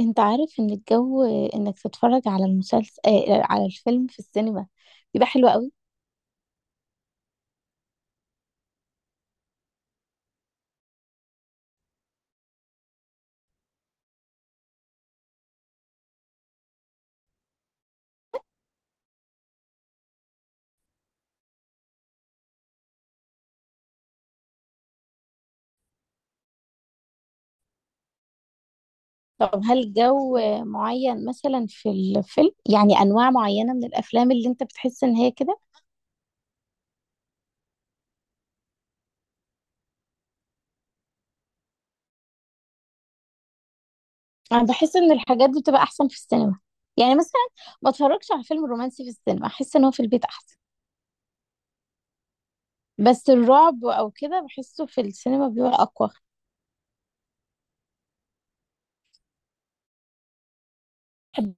انت عارف ان الجو انك تتفرج على المسلسل على الفيلم في السينما بيبقى حلو قوي. طب هل جو معين مثلا في الفيلم، يعني انواع معينة من الافلام اللي انت بتحس ان هي كده؟ انا بحس ان الحاجات دي بتبقى احسن في السينما. يعني مثلا ما اتفرجش على فيلم رومانسي في السينما، احس ان هو في البيت احسن. بس الرعب او كده بحسه في السينما بيبقى اقوى. بحب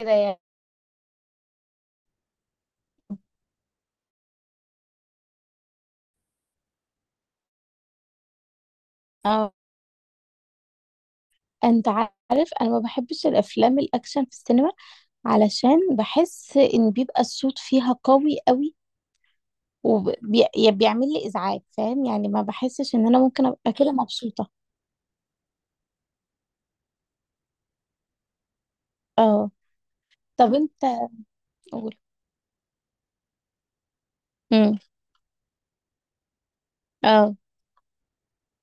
كده يعني. اه. انت عارف انا ما بحبش الافلام الاكشن في السينما، علشان بحس ان بيبقى الصوت فيها قوي قوي، وبيعمل لي ازعاج، فاهم يعني، ما بحسش ان انا ممكن ابقى كده مبسوطة. اه. طب انت قول. امم. اه،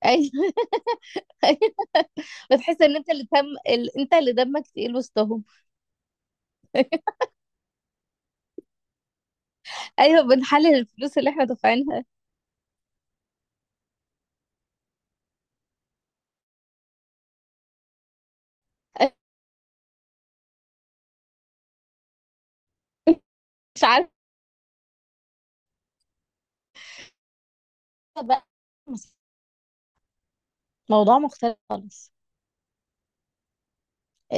ايوه. ايوه. بتحس ان انت اللي انت اللي دمك تقيل وسطهم. ايوه، بنحلل الفلوس اللي احنا دافعينها. مش عارفة بقى. مس- موضوع مختلف خالص.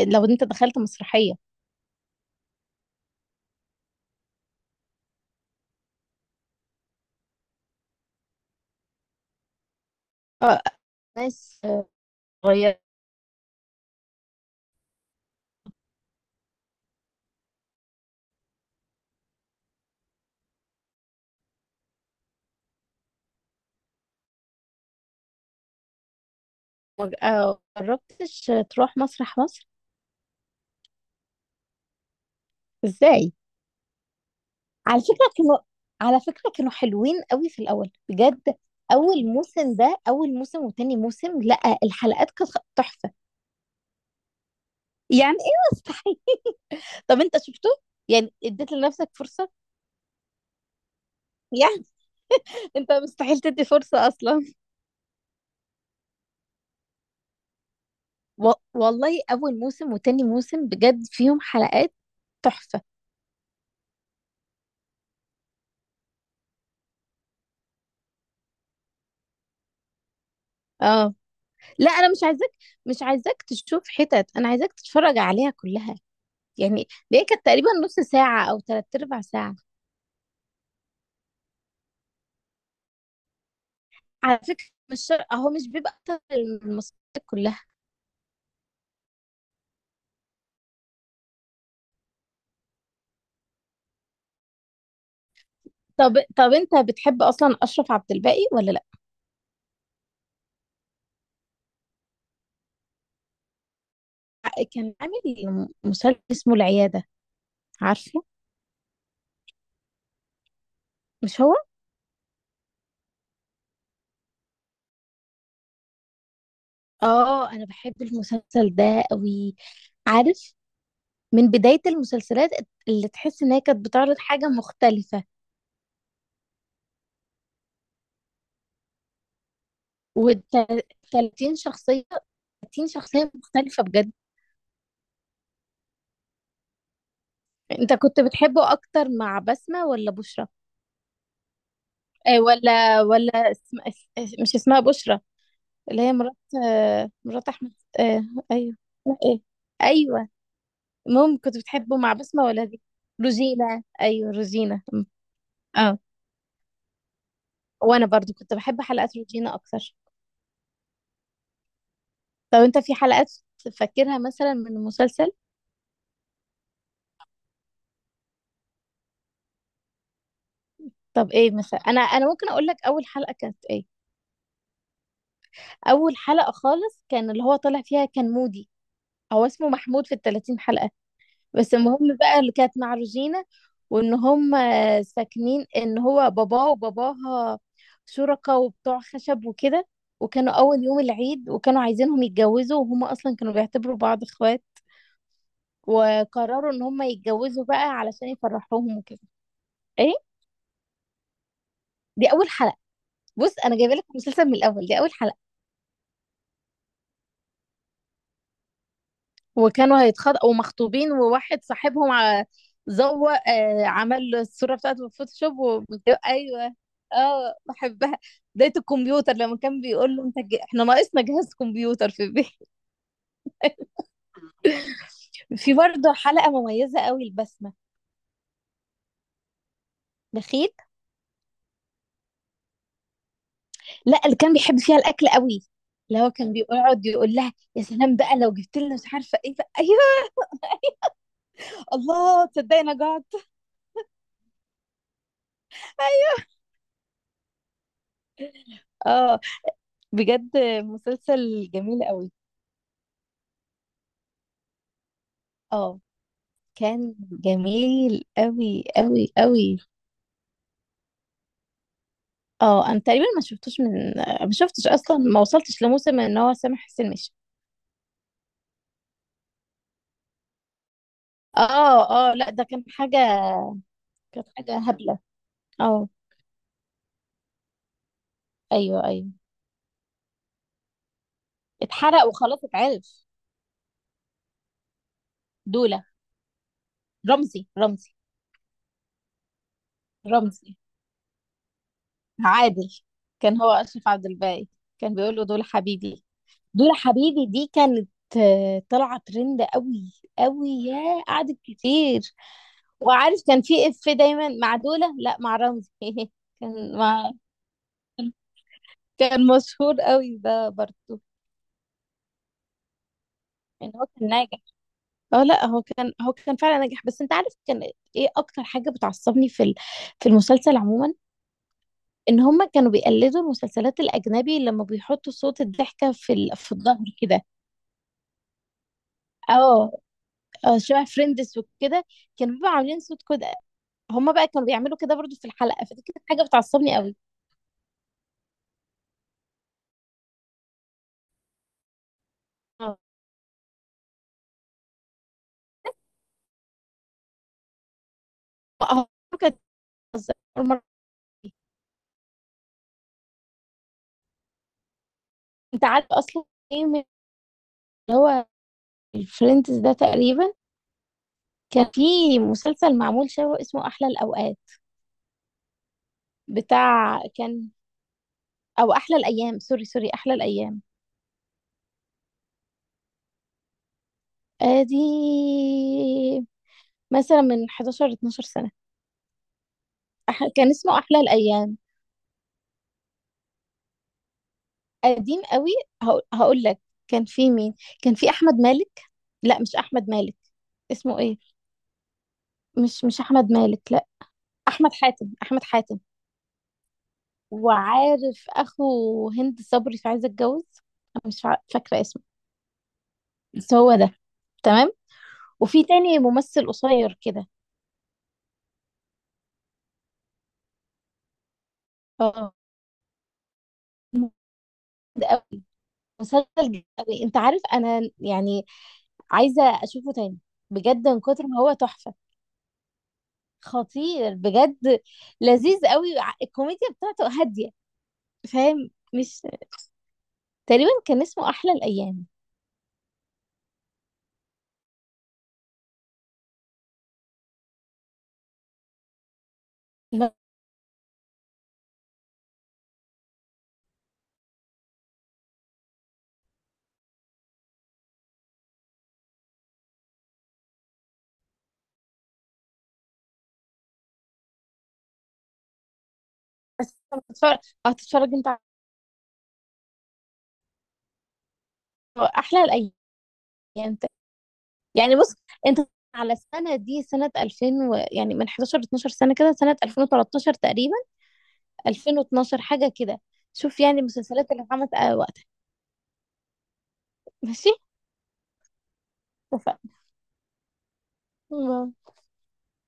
لو انت دخلت مسرحية. اه. ناس غير. ما جربتش تروح مسرح مصر؟ ازاي؟ على فكرة كانوا على فكرة كانوا حلوين قوي في الأول بجد. أول موسم، ده أول موسم وتاني موسم، لأ الحلقات كانت تحفة. يعني إيه مستحيل؟ طب أنت شفته؟ يعني اديت لنفسك فرصة؟ يعني أنت مستحيل تدي فرصة أصلا. والله، أول موسم وتاني موسم بجد فيهم حلقات تحفة. اه. لا، أنا مش عايزاك تشوف حتت، أنا عايزاك تتفرج عليها كلها. يعني دي كانت تقريبا نص ساعة أو تلات أرباع ساعة. على فكرة، مش شر... هو مش بيبقى أكتر المسلسلات كلها؟ طب أنت بتحب أصلا أشرف عبد الباقي ولا لأ؟ كان عامل مسلسل اسمه العيادة، عارفه؟ مش هو؟ اه، أنا بحب المسلسل ده قوي. عارف، من بداية المسلسلات اللي تحس إن هي كانت بتعرض حاجة مختلفة. و30 شخصية، 30 شخصية مختلفة بجد. أنت كنت بتحبه أكتر مع بسمة ولا بشرى؟ آه، ولا مش اسمها بشرى؟ اللي هي مرات، آه، مرات احمد. آه. ايوه. اسمها ايه؟ ايوه. المهم، كنت بتحبه مع بسمة ولا دي؟ روجينا، ايوه روجينا. اه. وانا برضو كنت بحب حلقات روجينا اكتر. طب انت في حلقات تفكرها مثلا من المسلسل؟ طب ايه مثلا، انا ممكن اقول لك اول حلقة كانت ايه. اول حلقة خالص كان اللي هو طالع فيها كان مودي، هو اسمه محمود في ال 30 حلقة. بس المهم بقى اللي كانت مع روجينا، وان هم ساكنين ان هو باباه وباباها شركاء وبتوع خشب وكده، وكانوا اول يوم العيد وكانوا عايزينهم يتجوزوا وهم اصلا كانوا بيعتبروا بعض اخوات، وقرروا ان هم يتجوزوا بقى علشان يفرحوهم وكده. ايه، دي اول حلقة. بص انا جايبه لك المسلسل من الاول، دي اول حلقة. وكانوا هيتخطبوا ومخطوبين، وواحد صاحبهم زوق، آه، عمل له الصورة بتاعته في الفوتوشوب. ايوه، اه بحبها. بداية الكمبيوتر لما كان بيقول له انت احنا ناقصنا جهاز كمبيوتر في البيت. في برضه حلقة مميزة قوي، البسمة بخيت. لا، اللي كان بيحب فيها الأكل قوي، اللي هو كان بيقعد يقول لها يا سلام بقى لو جبت لنا مش عارفة ايه بقى. ايوه. أيوه. الله تصدقي انا جعت. أيوه. اه، بجد مسلسل جميل قوي. اه، كان جميل قوي قوي قوي. اه، انا تقريبا ما شفتوش من ما شفتش اصلا، ما وصلتش لموسم ان هو سامح حسين مشي. اه، اه، لا ده كان حاجه، كانت حاجه هبله. اه. ايوه، ايوه، اتحرق وخلاص اتعرف. دوله رمزي رمزي رمزي. عادل. كان هو اشرف عبد الباقي، كان بيقول له دول حبيبي. دول حبيبي، دي كانت طالعه ترند قوي قوي. يا قعدت كتير. وعارف كان في اف دايما مع دولة، لا مع رمزي. كان مع كان مشهور قوي ده برضه. يعني هو كان ناجح. اه لا، هو كان فعلا ناجح. بس انت عارف كان، ايه اكتر حاجة بتعصبني في المسلسل عموما؟ ان هما كانوا بيقلدوا المسلسلات الاجنبي لما بيحطوا صوت الضحكة في الظهر كده. اه، اه شبه فريندز وكده، كانوا بيبقوا عاملين صوت كده. هما بقى كانوا بيعملوا كده برضه في الحلقة، فدي كانت حاجة بتعصبني قوي. اه. آه، كانت بتهزر. أنت عارف أصلًا إيه من اللي هو الfriends ده تقريبًا، كان في مسلسل معمول شبهه اسمه أحلى الأوقات. بتاع كان، أو أحلى الأيام، سوري سوري، أحلى الأيام. آدي مثلًا من 11 12 سنة. كان اسمه أحلى الأيام. قديم قوي. هاقول لك، كان في مين. كان في أحمد مالك، لأ مش أحمد مالك، اسمه إيه؟ مش أحمد مالك، لأ أحمد حاتم، أحمد حاتم. وعارف اخو هند صبري في عايزه اتجوز، انا مش فاكره اسمه. بس هو ده، تمام. وفي تاني ممثل قصير كده. اه. مسلسل جامد أوي. انت عارف، انا يعني عايزه اشوفه تاني، بجد من كتر ما هو تحفه، خطير بجد، لذيذ قوي، الكوميديا بتاعته هاديه، فاهم مش. تقريبا كان اسمه احلى الايام. بس هتتفرج انت على احلى الايام. يعني بص انت، على السنه دي سنه 2000 ، يعني من 11 ل 12 سنه كده، سنه 2013 تقريبا. 2012 حاجه كده. شوف يعني المسلسلات اللي اتعملت وقتها. ماشي. اتفقنا.